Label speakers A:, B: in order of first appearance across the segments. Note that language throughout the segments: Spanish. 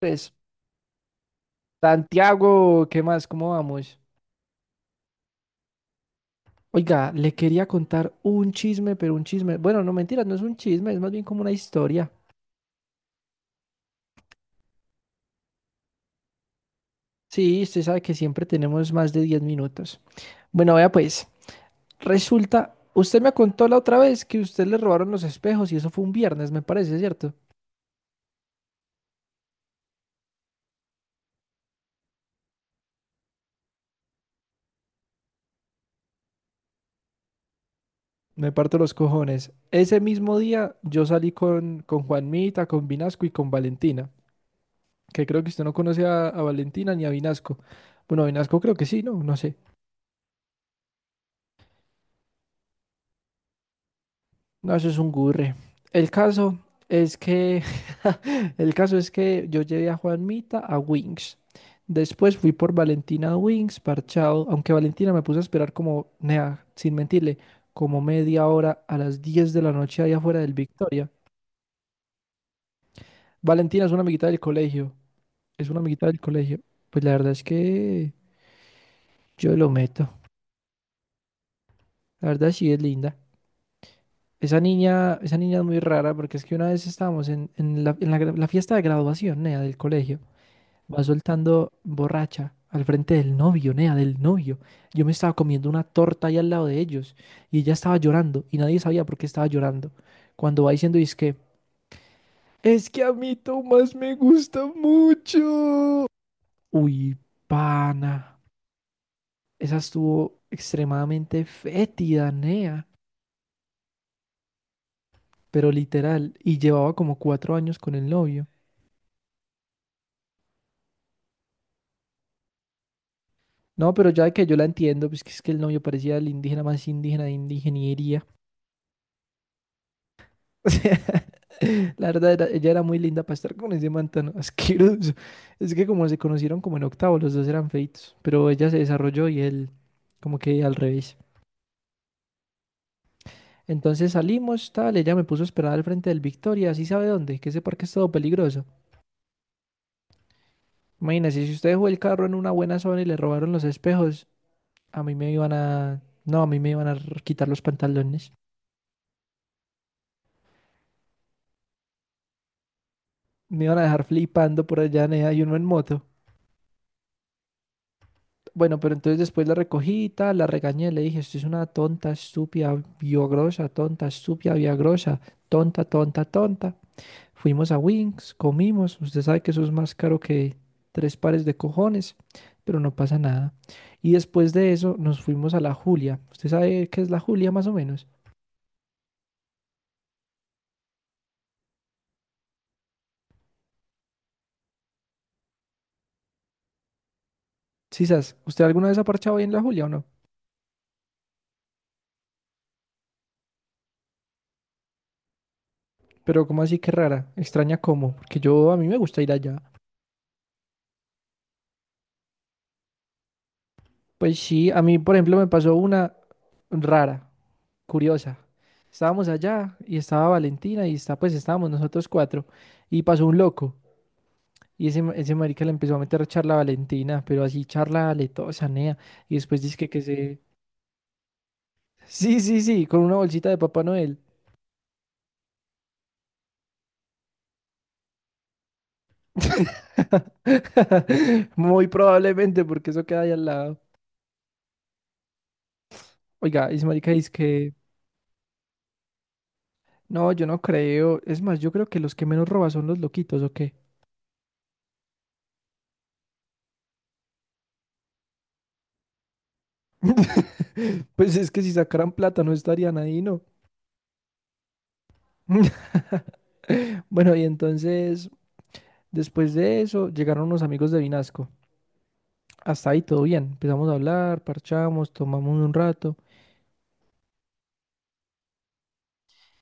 A: Pues, Santiago, ¿qué más? ¿Cómo vamos? Oiga, le quería contar un chisme, pero un chisme. Bueno, no mentiras, no es un chisme, es más bien como una historia. Sí, usted sabe que siempre tenemos más de 10 minutos. Bueno, vea pues, resulta, usted me contó la otra vez que usted le robaron los espejos y eso fue un viernes, me parece, ¿cierto? Me parto los cojones. Ese mismo día yo salí con Juanmita, con Vinasco y con Valentina, que creo que usted no conoce a Valentina ni a Vinasco. Bueno, a Vinasco creo que sí, ¿no? No sé. No, eso es un gurre. El caso es que, el caso es que yo llevé a Juanmita a Wings. Después fui por Valentina a Wings, parchado, aunque Valentina me puse a esperar como, nea, sin mentirle, como media hora a las 10 de la noche allá afuera del Victoria. Valentina es una amiguita del colegio, es una amiguita del colegio. Pues la verdad es que yo lo meto. La verdad sí es linda. Esa niña es muy rara porque es que una vez estábamos en la, en la fiesta de graduación, nea, del colegio. Va soltando borracha al frente del novio, nea, del novio. Yo me estaba comiendo una torta ahí al lado de ellos y ella estaba llorando y nadie sabía por qué estaba llorando. Cuando va diciendo, es que a mí Tomás me gusta mucho. Uy, pana, esa estuvo extremadamente fétida, nea, pero literal, y llevaba como 4 años con el novio. No, pero ya que yo la entiendo, pues que es que el novio parecía el indígena más indígena de indigeniería. O sea, la verdad, ella era muy linda para estar con ese man tan asqueroso. Es que como se conocieron como en octavo, los dos eran feitos, pero ella se desarrolló y él como que al revés. Entonces salimos, tal, ella me puso a esperar al frente del Victoria, así sabe dónde, que ese parque es todo peligroso. Imagínense, si usted dejó el carro en una buena zona y le robaron los espejos, a mí me iban a... No, a mí me iban a quitar los pantalones. Me iban a dejar flipando por allá, nea, y uno en moto. Bueno, pero entonces después la recogí, y tal, la regañé, le dije, usted es una tonta, estúpida, biogrosa, tonta, estúpida, biogrosa, tonta, tonta, tonta. Fuimos a Wings, comimos, usted sabe que eso es más caro que tres pares de cojones, pero no pasa nada. Y después de eso nos fuimos a la Julia. ¿Usted sabe qué es la Julia más o menos? Sí, sas, ¿usted alguna vez ha parchado ahí en la Julia o no? Pero ¿cómo así que rara? Extraña cómo, porque yo a mí me gusta ir allá. Pues sí, a mí por ejemplo me pasó una rara. Curiosa. Estábamos allá y estaba Valentina y está, pues estábamos nosotros cuatro y pasó un loco y ese, ese marica le empezó a meter charla a Valentina, pero así charla aletosa, nea, y después dice que se... Sí, sí, sí, con una bolsita de Papá Noel. Muy probablemente porque eso queda ahí al lado. Oiga, y ese marica dice que... No, yo no creo. Es más, yo creo que los que menos roban son los loquitos, ¿o qué? Pues es que si sacaran plata no estarían ahí, ¿no? Bueno, y entonces, después de eso, llegaron unos amigos de Vinasco. Hasta ahí todo bien. Empezamos a hablar, parchamos, tomamos un rato.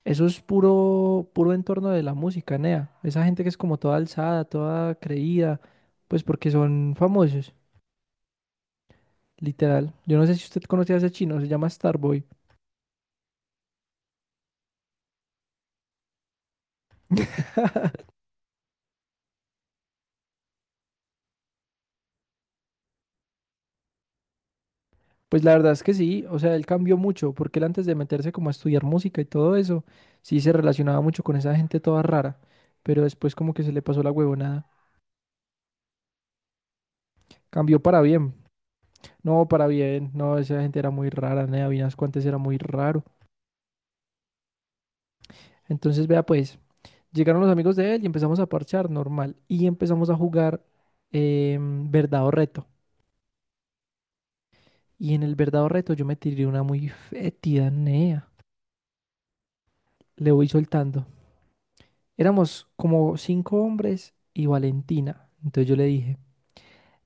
A: Eso es puro, puro entorno de la música, nea. Esa gente que es como toda alzada, toda creída, pues porque son famosos, literal. Yo no sé si usted conoce a ese chino, se llama Starboy. Pues la verdad es que sí, o sea, él cambió mucho, porque él antes de meterse como a estudiar música y todo eso, sí se relacionaba mucho con esa gente toda rara, pero después como que se le pasó la huevonada. Cambió para bien, no, esa gente era muy rara, nea. Vinasco antes era muy raro. Entonces, vea pues, llegaron los amigos de él y empezamos a parchar normal, y empezamos a jugar verdad o reto. Y en el verdad o reto yo me tiré una muy fétida, nea, le voy soltando. Éramos como cinco hombres y Valentina. Entonces yo le dije,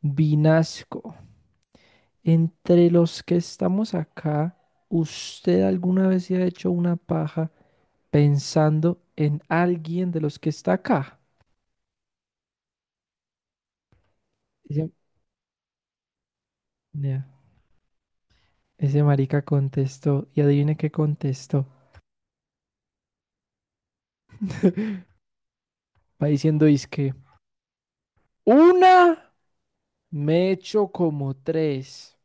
A: Vinasco, entre los que estamos acá, ¿usted alguna vez se ha hecho una paja pensando en alguien de los que está acá? Ese, nea, ese marica contestó, y adivine qué contestó. Va diciendo, es que una me he hecho como tres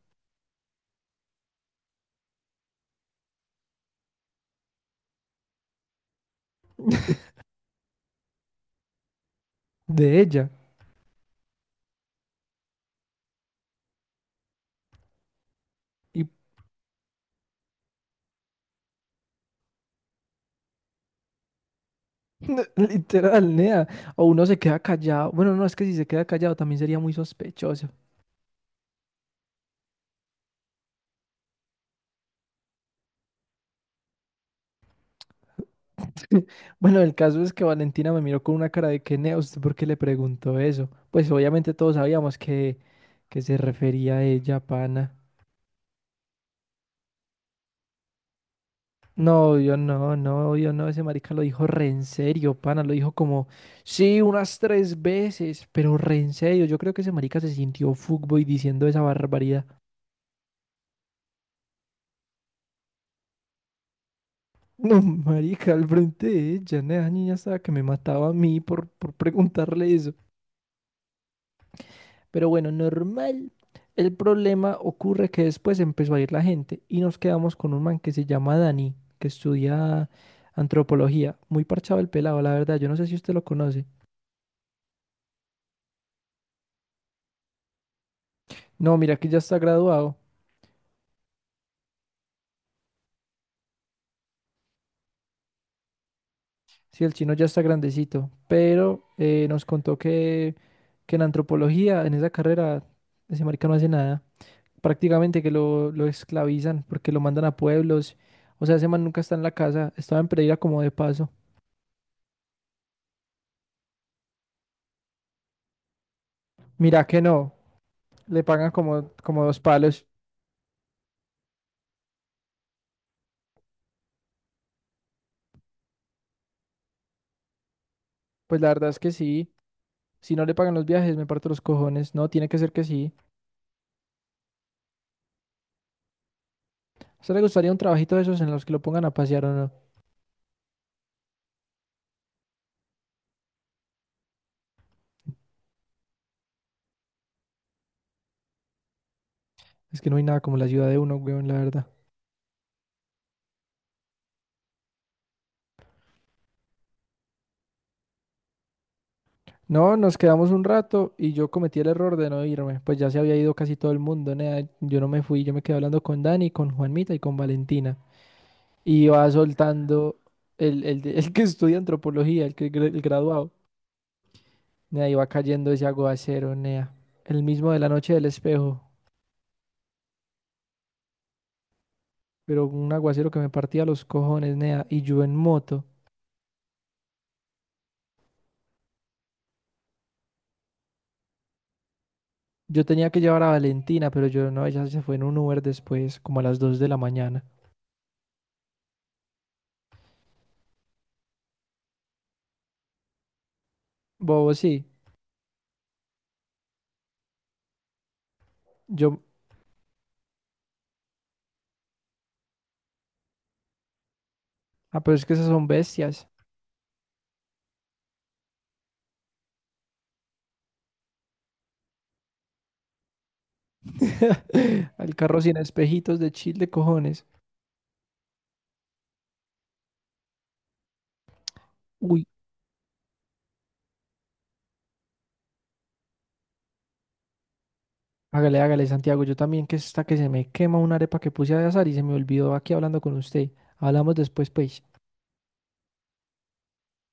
A: de ella. Y literal, nea. O uno se queda callado. Bueno, no, es que si se queda callado también sería muy sospechoso. Bueno, el caso es que Valentina me miró con una cara de que, nea, ¿usted por qué le preguntó eso? Pues obviamente todos sabíamos que, se refería a ella, pana. No, yo no, no, yo no. Ese marica lo dijo re en serio, pana. Lo dijo como, sí, unas tres veces, pero re en serio. Yo creo que ese marica se sintió fuckboy diciendo esa barbaridad. No, marica, al frente de ella, ¿no? Esa niña estaba que me mataba a mí por preguntarle eso. Pero bueno, normal. El problema ocurre que después empezó a ir la gente y nos quedamos con un man que se llama Dani, que estudia antropología. Muy parchado el pelado, la verdad. Yo no sé si usted lo conoce. No, mira que ya está graduado. Sí, el chino ya está grandecito. Pero nos contó que en antropología, en esa carrera, ese marica no hace nada. Prácticamente que lo esclavizan porque lo mandan a pueblos. O sea, ese man nunca está en la casa, estaba en Pereira como de paso. Mira que no, le pagan como, como dos palos. Pues la verdad es que sí, si no le pagan los viajes me parto los cojones, no, tiene que ser que sí. ¿A usted le gustaría un trabajito de esos en los que lo pongan a pasear o no? Es que no hay nada como la ciudad de uno, weón, la verdad. No, nos quedamos un rato y yo cometí el error de no irme, pues ya se había ido casi todo el mundo, nea. Yo no me fui, yo me quedé hablando con Dani, con Juanmita y con Valentina. Y va soltando el que estudia antropología, el graduado. Nea, iba cayendo ese aguacero, nea. El mismo de la noche del espejo, pero un aguacero que me partía los cojones, nea. Y yo en moto. Yo tenía que llevar a Valentina, pero yo no, ella se fue en un Uber después, como a las 2 de la mañana. Bobo, sí. Yo, ah, pero es que esas son bestias. Al carro sin espejitos de chile, cojones. Uy, hágale, hágale, Santiago. Yo también que está que se me quema una arepa que puse a azar y se me olvidó aquí hablando con usted. Hablamos después, pues.